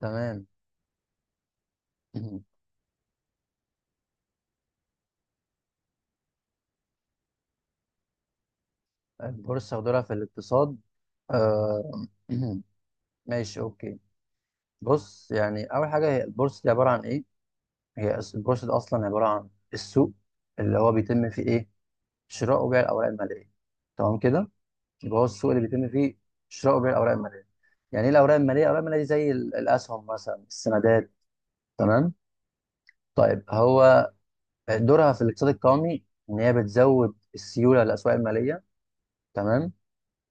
تمام. البورصة ودورها في الاقتصاد. آه ماشي، أوكي. بص، يعني أول حاجة، هي البورصة دي عبارة عن إيه؟ هي البورصة دي أصلا عبارة عن السوق اللي هو بيتم فيه إيه؟ شراء وبيع الأوراق المالية، تمام كده؟ يبقى هو السوق اللي بيتم فيه شراء وبيع الأوراق المالية. يعني إيه الأوراق المالية؟ الأوراق المالية دي زي الأسهم مثلا، السندات، تمام؟ طيب، هو دورها في الاقتصاد القومي إن هي بتزود السيولة للأسواق المالية، تمام؟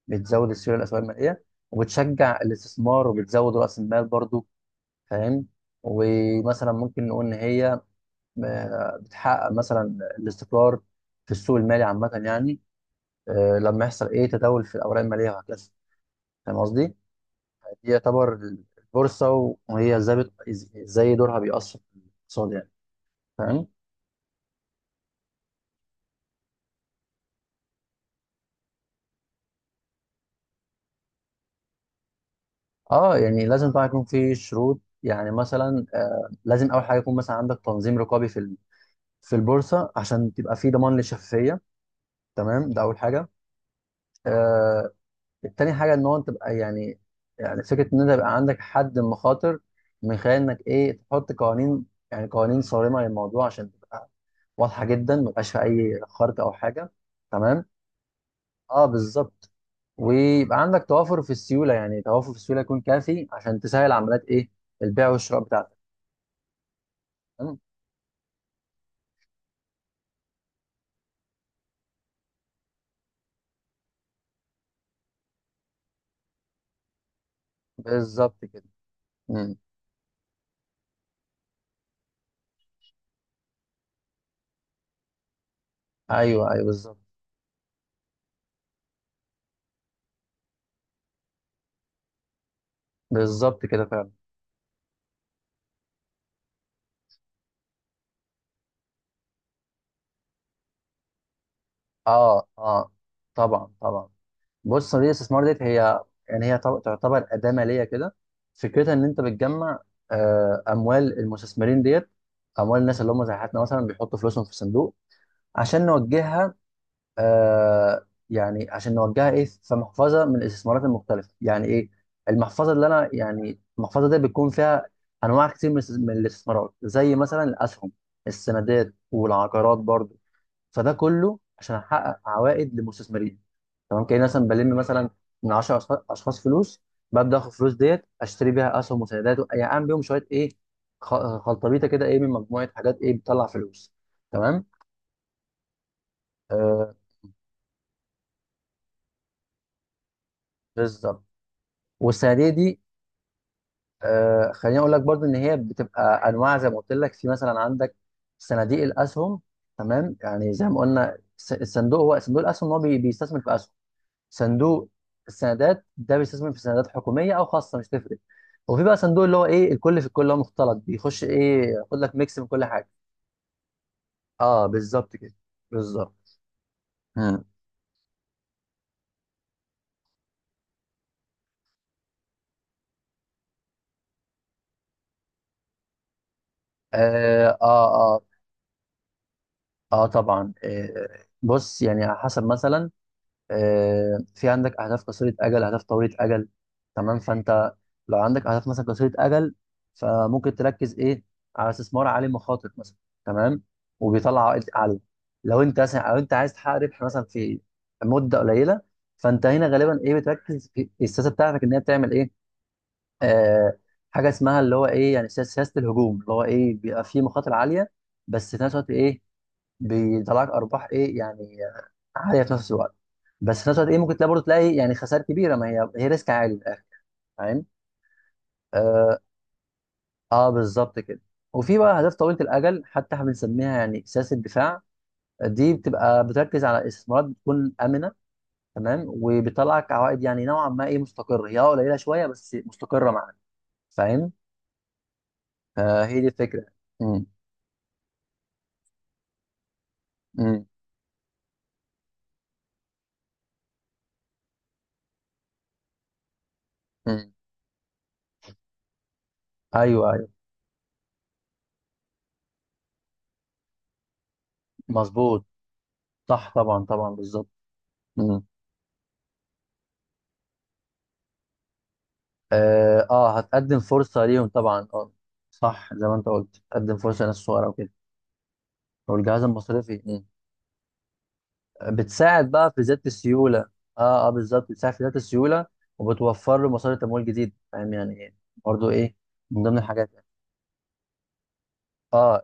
بتزود السيوله الاسواق الماليه، وبتشجع الاستثمار، وبتزود راس المال برضو. فاهم؟ ومثلا ممكن نقول ان هي بتحقق مثلا الاستقرار في السوق المالي عامه يعني. لما يحصل ايه تداول في الاوراق الماليه وهكذا. فاهم قصدي؟ دي يعتبر البورصه، وهي ازاي ازاي دورها بيأثر في الاقتصاد يعني. فاهم؟ اه، يعني لازم طبعا يكون في شروط، يعني مثلا لازم اول حاجه يكون مثلا عندك تنظيم رقابي في في البورصه، عشان تبقى في ضمان للشفافيه. تمام، ده اول حاجه. آه التاني حاجه ان هو تبقى يعني، يعني فكره ان انت يبقى عندك حد مخاطر، من خلال انك ايه تحط قوانين، يعني قوانين صارمه للموضوع، عشان تبقى واضحه جدا، ما يبقاش في اي خرق او حاجه. تمام، اه بالظبط. ويبقى عندك توافر في السيوله، يعني توافر في السيوله يكون كافي عشان تسهل عمليات ايه، البيع والشراء بتاعتك. تمام بالظبط كده. مم. ايوه ايوه بالظبط. بالظبط كده فعلا. اه اه، طبعا طبعا. بص، صناديق الاستثمار ديت هي، يعني هي تعتبر أداة مالية كده. فكرتها إن أنت بتجمع أموال المستثمرين ديت، أموال الناس اللي هم زي حياتنا مثلا، بيحطوا فلوسهم في صندوق عشان نوجهها، يعني عشان نوجهها إيه في محفظة من الاستثمارات المختلفة. يعني إيه المحفظة؟ اللي أنا يعني المحفظة دي بيكون فيها أنواع كتير من من الاستثمارات، زي مثلا الأسهم، السندات، والعقارات برضه. فده كله عشان أحقق عوائد للمستثمرين. تمام، كأني مثلا بلم مثلا من 10 أشخاص فلوس، ببدأ آخد الفلوس ديت أشتري بيها أسهم وسندات، يعني أعمل بيهم شوية إيه، خلطبيطة كده، إيه من مجموعة حاجات إيه بتطلع فلوس. تمام. آه بالظبط. والصناديق دي، خليني أقول لك برضو إن هي بتبقى أنواع، زي ما قلت لك، في مثلا عندك صناديق الأسهم، تمام، يعني زي ما قلنا الصندوق هو صندوق الأسهم، هو بيستثمر في أسهم. صندوق السندات ده بيستثمر في سندات حكوميه او خاصه، مش تفرق. وفي بقى صندوق اللي هو ايه الكل في الكل، اللي هو مختلط، بيخش ايه ياخد لك ميكس من كل حاجه. اه بالظبط كده، بالظبط. مم. اه اه اه, طبعا. بص، يعني على حسب مثلا، في عندك اهداف قصيره اجل، اهداف طويله اجل. تمام، فانت لو عندك اهداف مثلا قصيره اجل، فممكن تركز ايه على استثمار عالي مخاطر مثلا، تمام، وبيطلع عائد عالي. لو انت مثلا، او انت عايز تحقق ربح مثلا في مده قليله، فانت هنا غالبا ايه بتركز في السياسه بتاعتك ان هي بتعمل ايه، آه حاجه اسمها اللي هو ايه، يعني سياسه، سياسة الهجوم، اللي هو ايه بيبقى فيه مخاطر عاليه، بس في نفس الوقت ايه بيطلعك ارباح ايه، يعني عاليه في نفس الوقت. بس في نفس الوقت ايه، ممكن تلاقي برضه تلاقي يعني خسائر كبيره، ما هي هي ريسك عالي من الاخر. فاهم؟ اه, بالظبط كده. وفي بقى اهداف طويله الاجل، حتى احنا بنسميها يعني سياسه دفاع. دي بتبقى بتركز على استثمارات بتكون امنه، تمام، وبتطلعك عوائد يعني نوعا ما ايه مستقره، هي قليله شويه بس مستقره معاك. فاهم؟ فهي دي الفكره. امم امم امم ايوه ايوه. مظبوط، صح طبعا طبعا بالظبط. اه هتقدم فرصه ليهم طبعا، اه، صح، زي ما انت قلت هتقدم فرصه للناس الصغيره وكده. والجهاز المصرفي، بتساعد بقى في زياده السيوله. اه اه بالظبط، بتساعد في زياده السيوله، وبتوفر له مصادر تمويل جديد. فاهم يعني ايه؟ برضه ايه من ضمن الحاجات يعني. اه،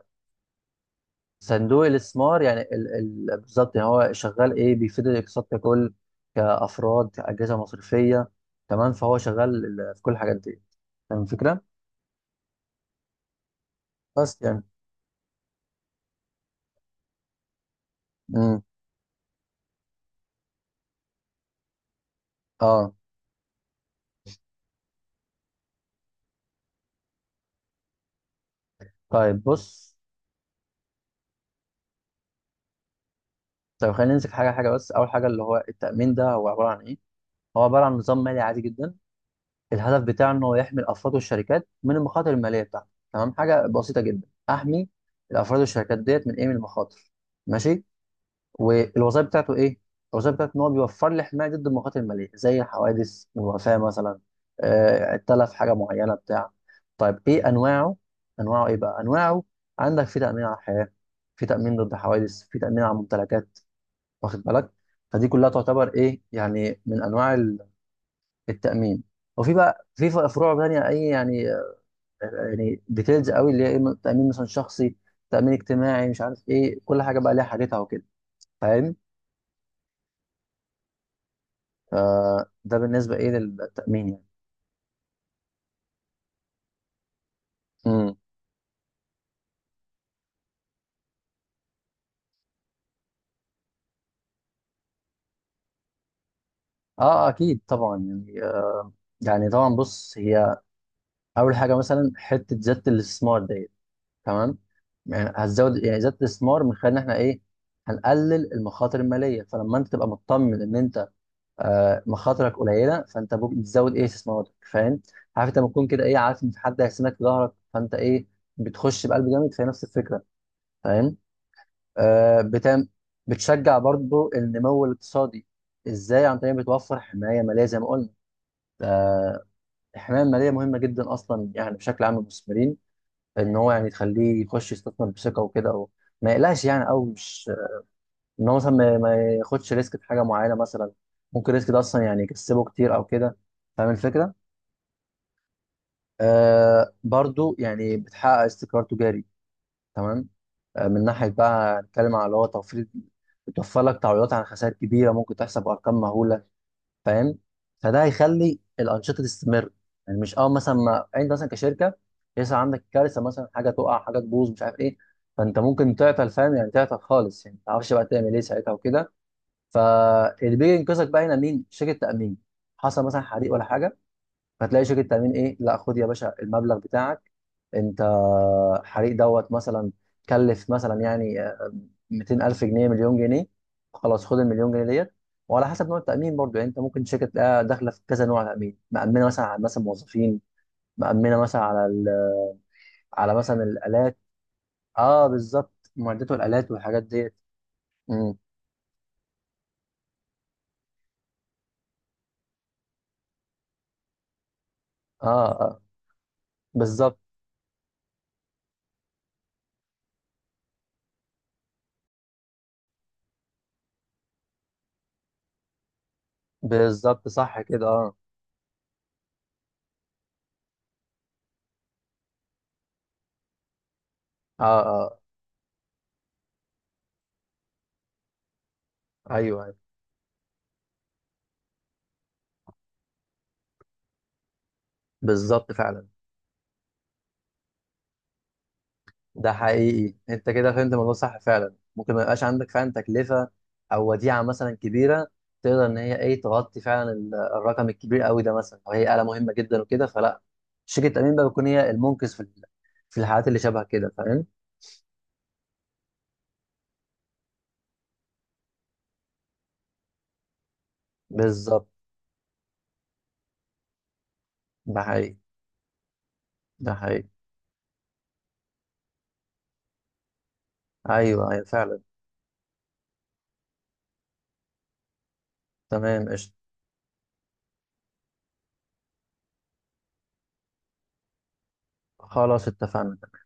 صندوق الاستثمار، يعني ال... ال... بالظبط، يعني هو شغال ايه بيفيد الاقتصاد ككل، كافراد، كاجهزه مصرفيه. تمام، فهو شغال في كل الحاجات دي. فاهم الفكره؟ بس يعني. امم اه، طيب، بص. طب خلينا نمسك حاجة حاجة بس. أول حاجة اللي هو التأمين ده، هو عبارة عن إيه؟ هو عبارة عن نظام مالي عادي جدا، الهدف بتاعه إن هو يحمي الأفراد والشركات من المخاطر المالية بتاعته. تمام، حاجة بسيطة جدا، أحمي الأفراد والشركات ديت من إيه، من المخاطر. ماشي. والوظائف بتاعته إيه؟ الوظائف بتاعته إن هو بيوفر لي حماية ضد المخاطر المالية، زي الحوادث والوفاة مثلا، التلف، حاجة معينة بتاع. طيب إيه أنواعه؟ أنواعه إيه بقى؟ أنواعه، عندك في تأمين على الحياة، في تأمين ضد حوادث، في تأمين على الممتلكات، واخد بالك؟ فدي كلها تعتبر ايه، يعني من انواع التامين. وفي بقى في فروع تانية اي يعني، يعني ديتيلز قوي، اللي هي ايه تامين مثلا شخصي، تامين اجتماعي، مش عارف ايه، كل حاجه بقى ليها حاجتها وكده. فاهم؟ فده بالنسبه ايه للتامين يعني. امم اه اكيد طبعا، يعني يعني طبعا بص، هي اول حاجه مثلا حته زياده الاستثمار ديت، تمام، يعني هتزود يعني زياده الاستثمار من خلال ان احنا ايه، هنقلل المخاطر الماليه. فلما انت تبقى مطمن ان انت مخاطرك قليله، فانت بتزود ايه استثماراتك. فاهم؟ عارف انت لما تكون كده ايه، عارف ان في حد هيحسنك في ظهرك، فانت ايه، بتخش بقلب جامد. فهي نفس الفكره. فاهم؟ بتعمل، بتشجع برضو النمو الاقتصادي. ازاي؟ عن طريق بتوفر حمايه ماليه زي ما قلنا. الحمايه الماليه مهمه جدا اصلا، يعني بشكل عام للمستثمرين، ان هو يعني تخليه يخش يستثمر بثقه وكده، أو ما يقلقش يعني، او مش ان هو مثلا ما ياخدش ريسك في حاجه معينه مثلا، ممكن الريسك ده اصلا يعني يكسبه كتير او كده. فاهم الفكره؟ برضو يعني بتحقق استقرار تجاري. تمام، من ناحية بقى نتكلم على اللي هو توفير، بتوفر لك تعويضات عن خسائر كبيرة ممكن تحصل بأرقام مهولة. فاهم؟ فده هيخلي الأنشطة تستمر. يعني مش أول مثلا ما أنت مثلا كشركة يحصل عندك كارثة مثلا، حاجة تقع، حاجة تبوظ، مش عارف إيه. فأنت ممكن تعطل. فاهم يعني؟ تعطل خالص، يعني ما تعرفش بقى تعمل إيه ساعتها وكده. فاللي بيجي ينقذك بقى هنا مين؟ شركة تأمين. حصل مثلا حريق ولا حاجة، فتلاقي شركه تامين ايه، لا خد يا باشا المبلغ بتاعك انت. حريق دوت مثلا، كلف مثلا يعني 200,000 جنيه، مليون جنيه، خلاص خد المليون جنيه ديت. وعلى حسب نوع التامين برضو، يعني انت ممكن شركه تلاقيها داخله في كذا نوع تامين، مأمنه مثلا على مثلا موظفين، مأمنه مثلا على ال... على مثلا الالات. اه بالظبط، معدات والالات والحاجات ديت. امم اه اه بالظبط. بالظبط صح كده. اه اه اه ايوه ايوه بالظبط فعلا. ده حقيقي، انت كده فهمت الموضوع صح. فعلا ممكن ما يبقاش عندك فعلا تكلفه او وديعه مثلا كبيره تقدر ان هي ايه تغطي فعلا الرقم الكبير قوي ده مثلا، او هي آلة مهمه جدا وكده، فلا، شركه التامين بقى بتكون هي المنقذ في في الحالات اللي شبه كده. فاهم؟ بالظبط. ده حقيقي، ده حقيقي، ايوه ايوه فعلا. تمام قشطه. خلاص اتفقنا.